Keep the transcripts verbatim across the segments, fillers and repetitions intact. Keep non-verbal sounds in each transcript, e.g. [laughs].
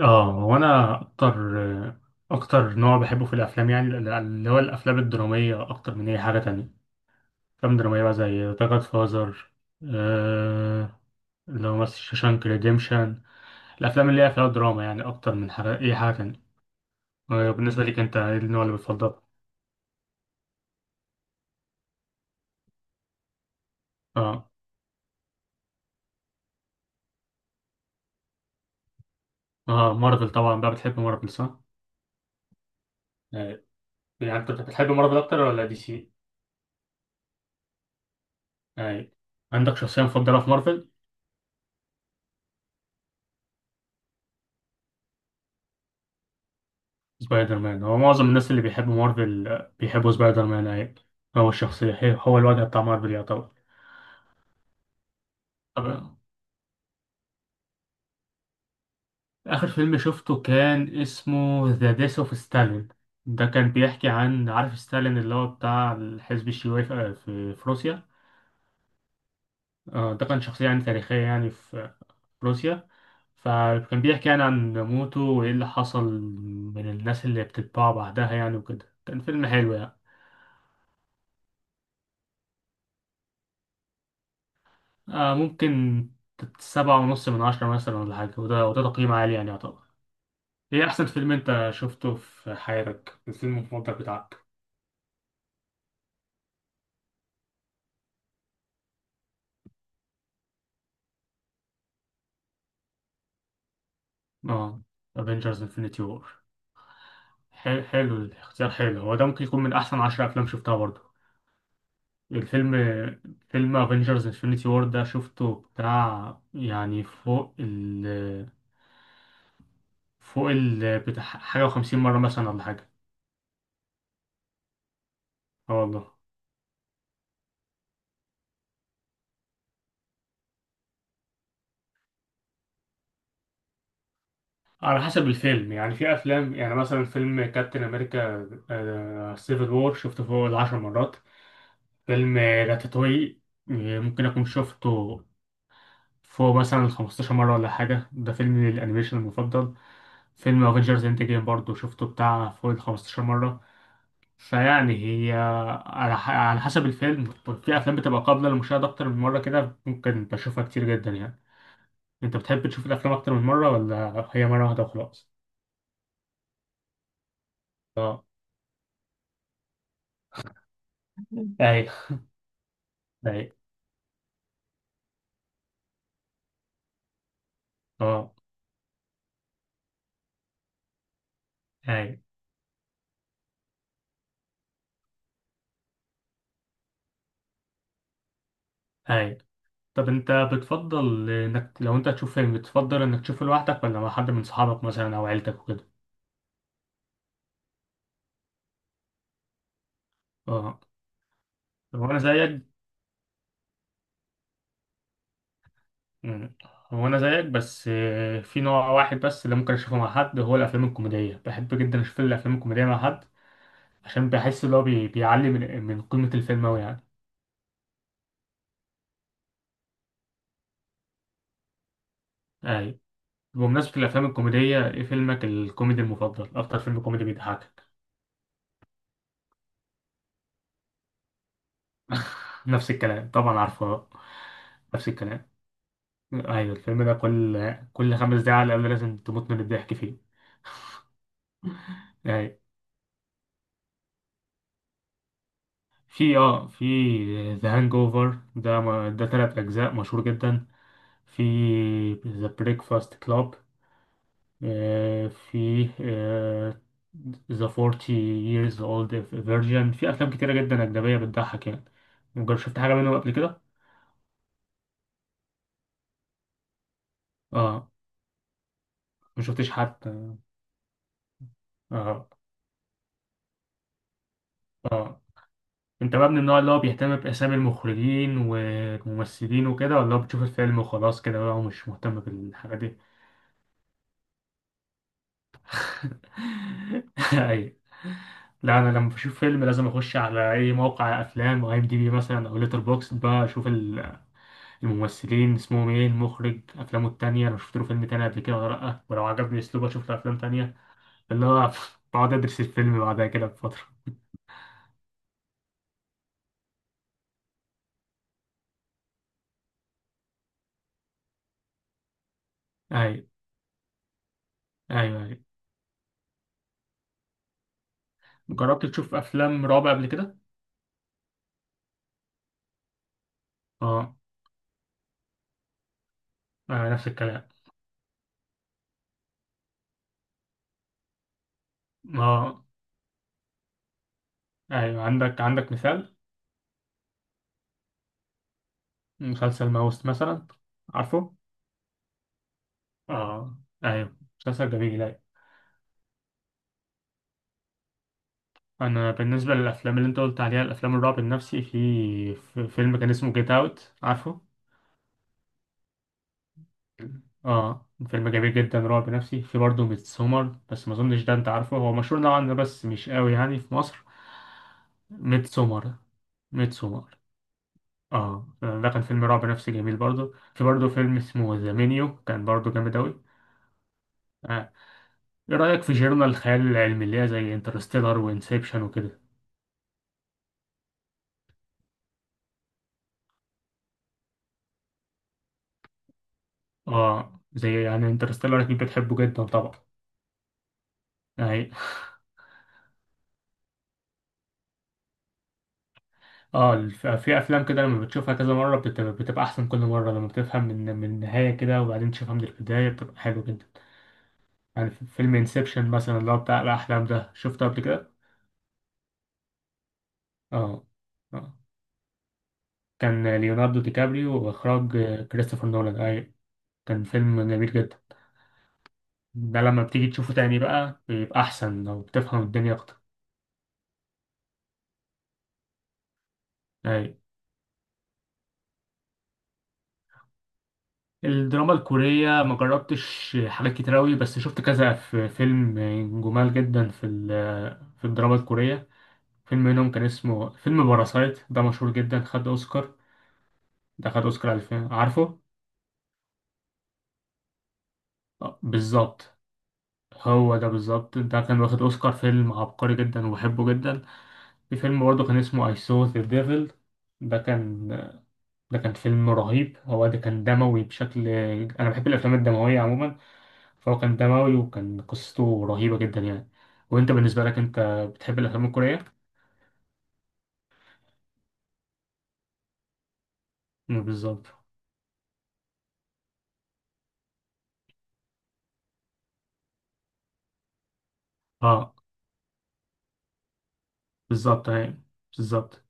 اه، هو انا اكتر اكتر نوع بحبه في الافلام، يعني اللي هو الافلام الدراميه اكتر من اي حاجه تانية. افلام دراميه بقى زي ذا جاد فازر. آه، اللي هو مثلا شوشانك ريديمشن. الافلام اللي هي فيها دراما، يعني اكتر من حاجه اي حاجه تانية. آه، بالنسبه ليك انت، ايه النوع اللي بتفضله؟ اه، اه، مارفل طبعا بقى. بتحب مارفل صح؟ آه. يعني انت بتحب مارفل اكتر ولا دي سي؟ آه. عندك شخصيه مفضله في مارفل؟ سبايدر مان، هو معظم الناس اللي بيحبوا مارفل آه، بيحبوا سبايدر مان، أيوة. هو الشخصية هي- هو الواجهة بتاع مارفل يعتبر. طب، آخر فيلم شفته كان اسمه ذا ديث اوف ستالين. ده كان بيحكي عن، عارف، ستالين اللي هو بتاع الحزب الشيوعي في آه، في- في روسيا. آه، ده كان شخصية يعني تاريخية، يعني في في روسيا. فكان بيحكي يعني عن موته وإيه اللي حصل من الناس اللي بتتباع بعدها، يعني وكده كان فيلم حلو يعني. آه، ممكن تت- سبعة ونص من عشرة مثلا ولا حاجة، وده وده تقييم عالي يعني يعتبر. ايه أحسن فيلم أنت شفته في حياتك، الفيلم المفضل بتاعك؟ اه، افنجرز انفنتي وور. حلو الاختيار، حلو، هو ده ممكن يكون من أحسن عشرة أفلام شفتها برضه. الفيلم فيلم افنجرز انفنتي وور ده شفته بتاع يعني فوق ال فوق ال بتاع حاجة وخمسين مرة مثلا ولا حاجة. اه، والله. على حسب الفيلم يعني، في افلام يعني، مثلا فيلم كابتن امريكا سيفل وور شفته فوق العشر مرات. فيلم راتاتوي ممكن اكون شفته فوق مثلا الخمستاشر مرة ولا حاجة، ده فيلم الانيميشن المفضل. فيلم افنجرز انت جيم برضه شفته بتاع فوق الخمستاشر مرة. فيعني، هي، على ح- على حسب الفيلم، في افلام بتبقى قابلة للمشاهدة اكتر من مرة كده، ممكن بشوفها كتير جدا يعني. انت بتحب تشوف الافلام اكتر من مرة ولا هي مرة واحدة وخلاص؟ اه، ايوه، أيوه. اه، اي، اي، طب انت، بتفضل انك لو انت تشوف فيلم، بتفضل انك تشوفه لوحدك ولا مع حد من صحابك مثلا او عيلتك وكده؟ اه، هو انا زيك. مم. هو انا زيك، بس آه، في نوع واحد بس اللي ممكن اشوفه مع حد، هو الافلام الكوميديه. بحب جدا اشوف الافلام الكوميديه مع حد، عشان بحس ان هو بي- بيعلي من من قيمه الفيلم اوي يعني. اي، بمناسبه الافلام الكوميديه، ايه فيلمك الكوميدي المفضل، اكتر فيلم كوميدي بيضحكك؟ [laughs] نفس الكلام طبعا، عارفه، آه. نفس الكلام، ايوه. الفيلم ده كل كل خمس دقايق على الأقل لازم تموت من الضحك فيه. يعني في اه في ذا هانج اوفر ده م- ده تلات أجزاء مشهور جدا. في ذا بريكفاست كلاب. في ذا forty years old virgin. في أفلام كتيرة جدا أجنبية بتضحك يعني. مجرد شفت حاجة منهم قبل كده؟ اه، ما شفتش حتى. اه، اه، انت بقى من النوع اللي هو بيهتم باسامي المخرجين والممثلين وكده، ولا هو بتشوف الفيلم وخلاص كده بقى ومش مهتم بالحاجه دي؟ [laughs] اي، لا انا لما بشوف فيلم لازم اخش على اي موقع افلام او ام دي بي مثلا او ليتر بوكس بقى، اشوف ال- الممثلين اسمهم ايه، المخرج افلامه التانية، لو شفت له فيلم تاني قبل كده ولا لا، ولو عجبني اسلوبه اشوف له افلام تانية. اللي هو [laughs] بقعد ادرس الفيلم بعدها كده بفتره. اي، ايوه، ايوه، جربت تشوف افلام رعب قبل كده؟ اه، آه، نفس الكلام. اه، ايوه، عندك عندك مثال؟ مسلسل ماوس مثلا؟ عارفه؟ اه، ايوه، مسلسل جميل، ايوه. انا بالنسبه للافلام اللي انت قلت عليها، الافلام الرعب النفسي، في في فيلم كان اسمه جيت اوت، عارفه؟ اه، فيلم جميل جدا، رعب نفسي. في برضه ميت سومر، بس ما اظنش ده انت عارفه، هو مشهور نوعا ما بس مش قوي يعني في مصر. ميت سومر. ميت سومر. اه، ده كان فيلم رعب نفسي جميل برضه. في برضه فيلم اسمه ذا مينيو كان برضه جامد اوي. آه، ايه رأيك في جيرنا الخيال العلمي اللي هي زي انترستيلر وانسبشن وكده؟ اه، زي يعني انترستيلر، اكيد بتحبه جدا طبعا يعني. اه، الف- في افلام كده لما بتشوفها كذا مرة بتبقى, بتبقى احسن، كل مرة لما بتفهم من من النهاية كده وبعدين تشوفها من البداية، بتبقى حلو جدا. يعني في فيلم انسبشن مثلا اللي هو بتاع الاحلام ده، شفته قبل كده؟ اه، اه، كان ليوناردو دي كابريو واخراج آه، كريستوفر نولان، اي. كان فيلم جميل جدا، ده لما بتيجي تشوفه تاني بقى بيبقى احسن لو بتفهم الدنيا اكتر. أي. الدراما الكورية ما جربتش حاجات كتير أوي، بس شفت كذا في فيلم جمال جدا في ال- في الدراما الكورية. فيلم منهم كان اسمه فيلم باراسايت، ده مشهور جدا خد أوسكار. ده خد أوسكار ألفين، عارفه؟ آه، بالظبط. هو ده بالظبط، ده كان واخد أوسكار، فيلم عبقري جدا وبحبه جدا. في فيلم برضه كان اسمه I Saw the Devil. ده كان ده كان فيلم رهيب، هو ده كان دموي بشكل. أنا بحب الأفلام الدموية عموما. فهو كان دموي وكان قصته رهيبة جدا يعني. وانت بالنسبة لك انت، بتحب الافلام الكورية؟ مم، بالظبط. اه، بالظبط، تمام، بالظبط.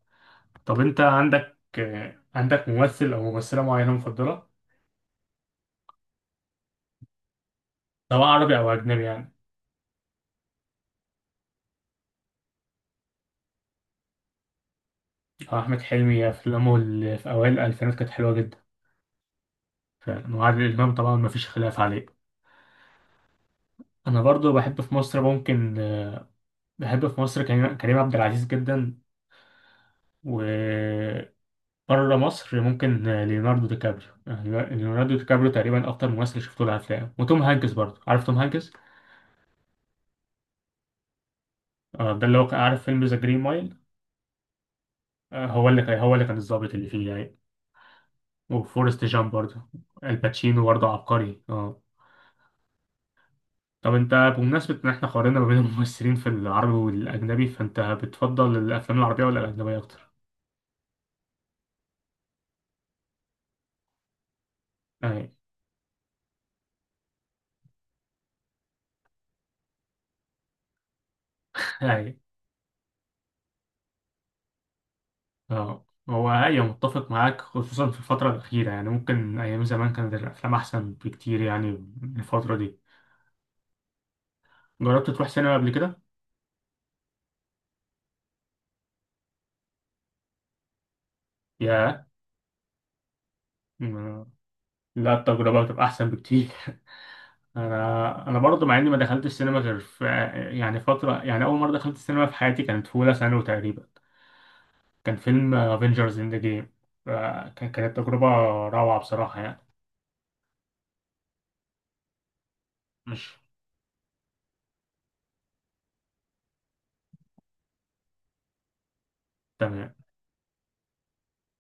طب انت، عندك آه، عندك ممثل او ممثلة معينة مفضلة؟ سواء عربي او اجنبي يعني. آه، احمد حلمي افلامه اللي في اوائل الالفينات كانت حلوة جدا، فعلا. وعادل امام طبعا مفيش خلاف عليه. انا برضو بحب في مصر ممكن آه، بحب في مصر كريم كريم عبد العزيز جدا. و بره مصر ممكن آه، ليوناردو دي كابريو. آه، ليوناردو دي كابريو تقريبا اكتر ممثل شفته له افلام. وتوم هانكس برضه، عارف توم هانكس؟ آه، ده اللي هو كان- عارف فيلم ذا جرين مايل؟ آه، هو اللي كان هو اللي كان الضابط اللي فيه يعني. وفورست جامب برضه. الباتشينو برضه عبقري، اه. طب انت، بمناسبة ان احنا قارنا ما بين [laughs] الممثلين في العربي والاجنبي، فانت بتفضل الافلام العربية ولا الاجنبية اكتر؟ اي، اي، اه. هو، ايوه متفق معاك، خصوصا في الفترة الأخيرة يعني، ممكن أيام زمان كانت الأفلام أحسن بكتير يعني من الفترة دي. جربت تروح سينما قبل كده؟ ياه. م- لا، التجربة بتبقى أحسن بكتير [laughs] أنا أنا برضه مع إني ما دخلتش السينما غير في، يعني فترة، يعني أول مرة دخلت السينما في حياتي كانت في أولى ثانوي تقريبا. كان فيلم افنجرز إند جيم. كانت تجربة روعة بصراحة يعني. مش تمام